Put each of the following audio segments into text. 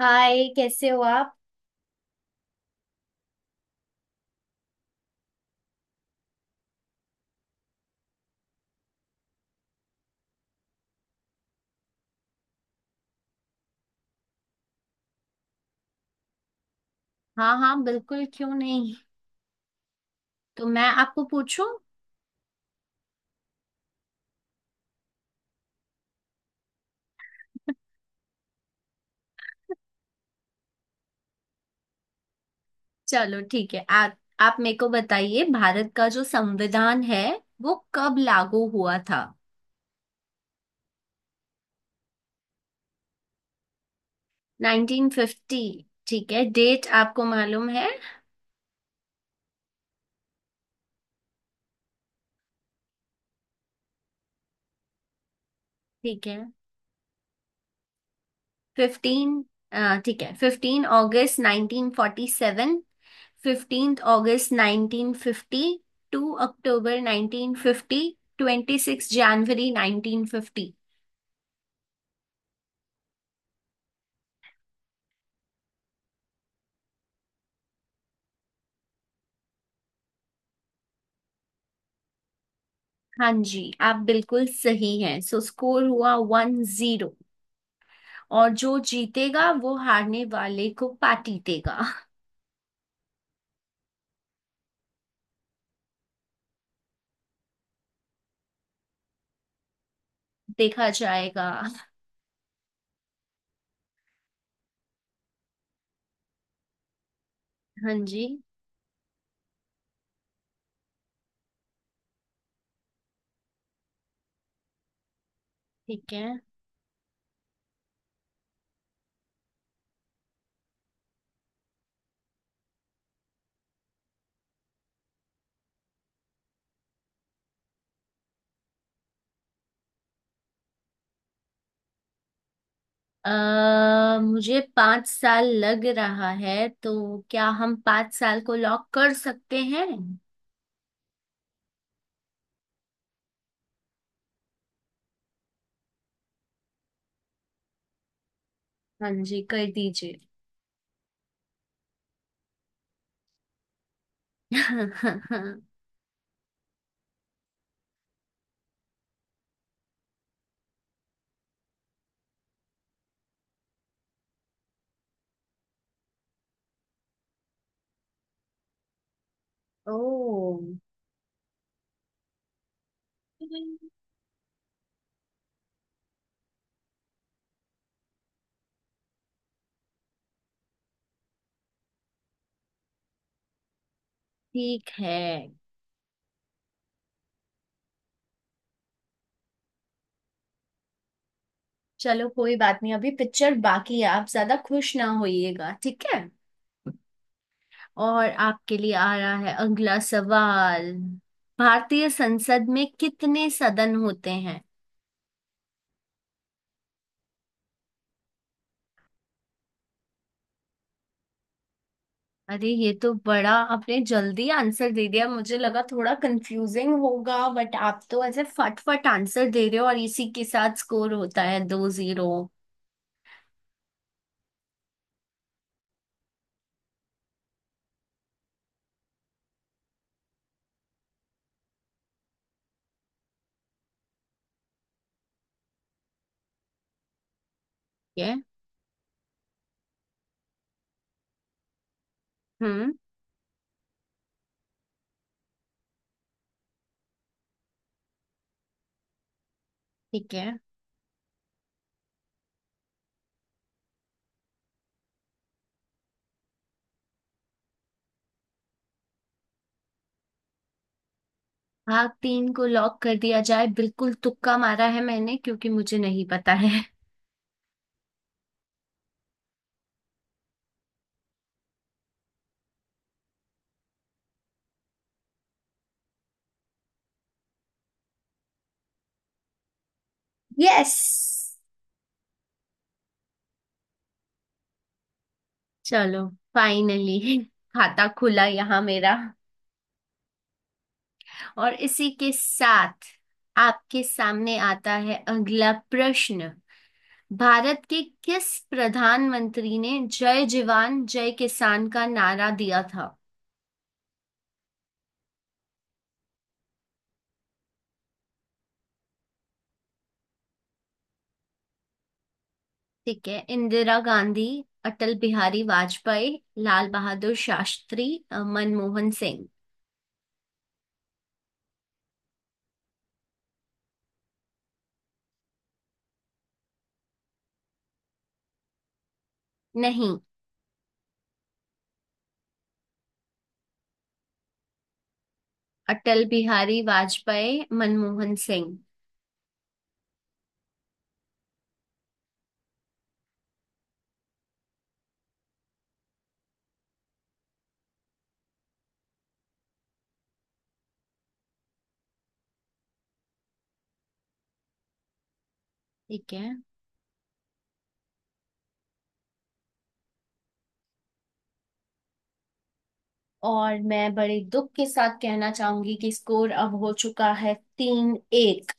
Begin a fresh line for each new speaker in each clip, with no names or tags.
हाय, कैसे हो आप? हाँ हाँ, बिल्कुल। क्यों नहीं? तो मैं आपको पूछूं। चलो, ठीक है। आप मेरे को बताइए, भारत का जो संविधान है वो कब लागू हुआ था? 1950? ठीक है, डेट आपको मालूम है? ठीक है, 15। ठीक है, 15 अगस्त 1947। 15 अगस्त 1950। 2 अक्टूबर 1950। 26 जनवरी 1950। हाँ जी, आप बिल्कुल सही हैं। सो स्कोर हुआ 1-0। और जो जीतेगा वो हारने वाले को पार्टी देगा। देखा जाएगा। हाँ जी। ठीक है। अ मुझे 5 साल लग रहा है, तो क्या हम 5 साल को लॉक कर सकते हैं? हाँ जी, कर दीजिए। ओ। ठीक है। चलो, कोई बात नहीं, अभी पिक्चर बाकी है। आप ज्यादा खुश ना होइएगा, ठीक है? और आपके लिए आ रहा है अगला सवाल। भारतीय संसद में कितने सदन होते हैं? अरे, ये तो बड़ा आपने जल्दी आंसर दे दिया। मुझे लगा थोड़ा कंफ्यूजिंग होगा, बट आप तो ऐसे फटफट आंसर दे रहे हो। और इसी के साथ स्कोर होता है 2-0। ठीक है। हम्म। ठीक है, भाग तीन को लॉक कर दिया जाए। बिल्कुल तुक्का मारा है मैंने, क्योंकि मुझे नहीं पता है। यस। चलो, फाइनली खाता खुला यहाँ मेरा। और इसी के साथ आपके सामने आता है अगला प्रश्न। भारत के किस प्रधानमंत्री ने जय जवान जय किसान का नारा दिया था? ठीक है। इंदिरा गांधी, अटल बिहारी वाजपेयी, लाल बहादुर शास्त्री, मनमोहन सिंह। नहीं। अटल बिहारी वाजपेयी, मनमोहन सिंह। ठीक है। और मैं बड़े दुख के साथ कहना चाहूंगी कि स्कोर अब हो चुका है 3-1।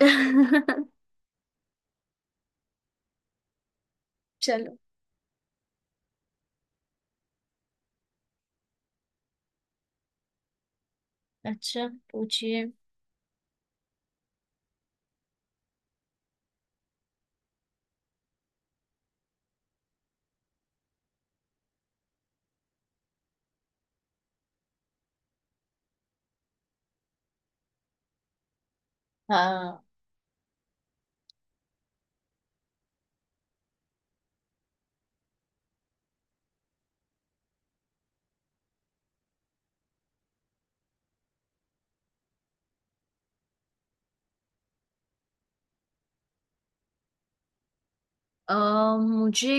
चलो। अच्छा, पूछिए। हाँ। अ, मुझे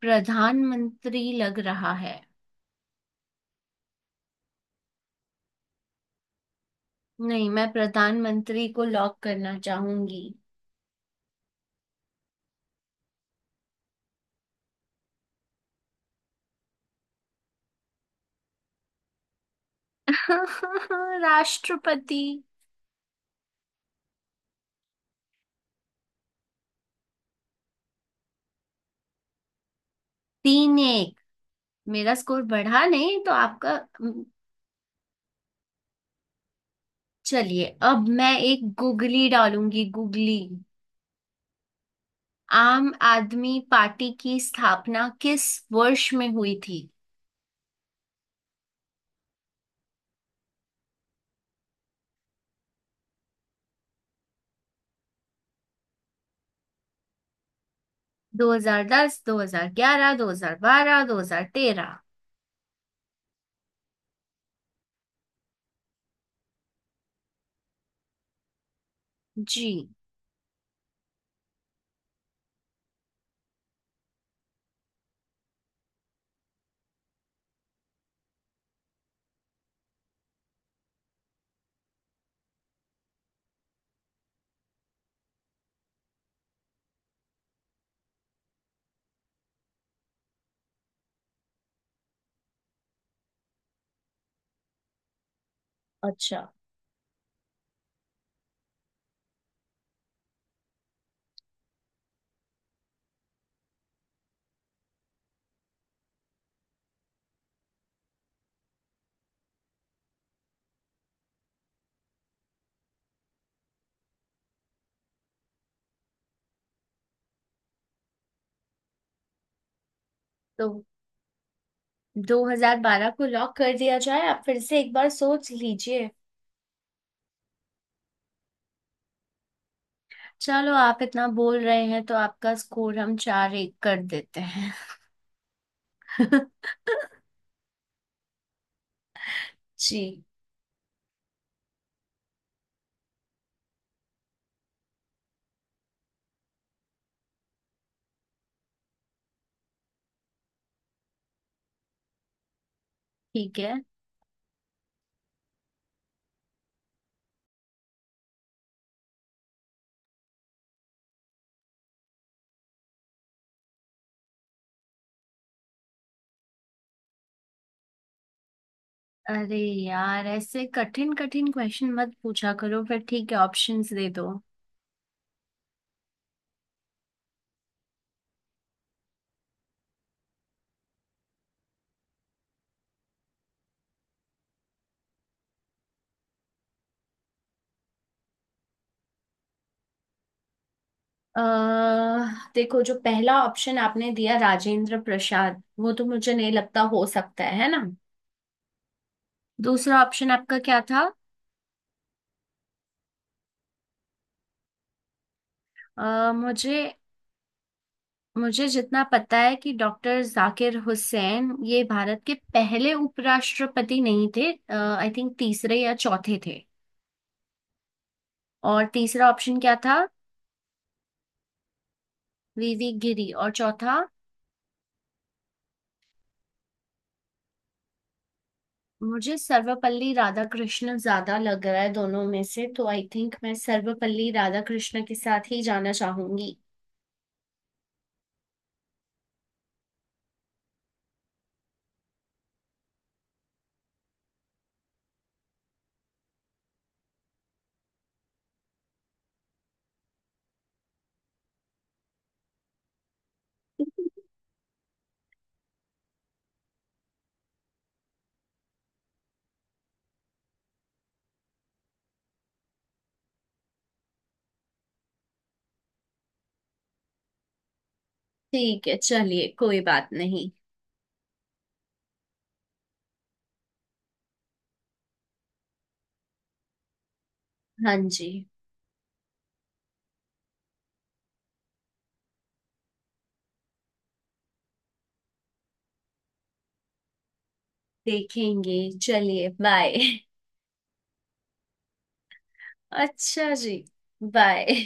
प्रधानमंत्री लग रहा है। नहीं, मैं प्रधानमंत्री को लॉक करना चाहूंगी। राष्ट्रपति? 3-1? मेरा स्कोर बढ़ा नहीं, तो आपका। चलिए, अब मैं एक गुगली डालूंगी, गुगली। आम आदमी पार्टी की स्थापना किस वर्ष में हुई थी? 2010, 2011, 2012, 2013? जी। अच्छा। तो 2012 को लॉक कर दिया जाए? आप फिर से एक बार सोच लीजिए। चलो, आप इतना बोल रहे हैं तो आपका स्कोर हम 4-1 कर देते हैं। जी। ठीक है। अरे यार, ऐसे कठिन कठिन क्वेश्चन मत पूछा करो फिर। ठीक है, ऑप्शंस दे दो। अह देखो, जो पहला ऑप्शन आपने दिया राजेंद्र प्रसाद, वो तो मुझे नहीं लगता हो सकता है ना? दूसरा ऑप्शन आपका क्या था? अह मुझे मुझे जितना पता है कि डॉक्टर जाकिर हुसैन ये भारत के पहले उपराष्ट्रपति नहीं थे। आई थिंक तीसरे या चौथे थे। और तीसरा ऑप्शन क्या था? वीवी गिरी। और चौथा? मुझे सर्वपल्ली राधाकृष्ण ज्यादा लग रहा है दोनों में से, तो आई थिंक मैं सर्वपल्ली राधाकृष्ण के साथ ही जाना चाहूंगी। ठीक है, चलिए, कोई बात नहीं। हाँ जी। देखेंगे। चलिए, बाय। अच्छा जी, बाय।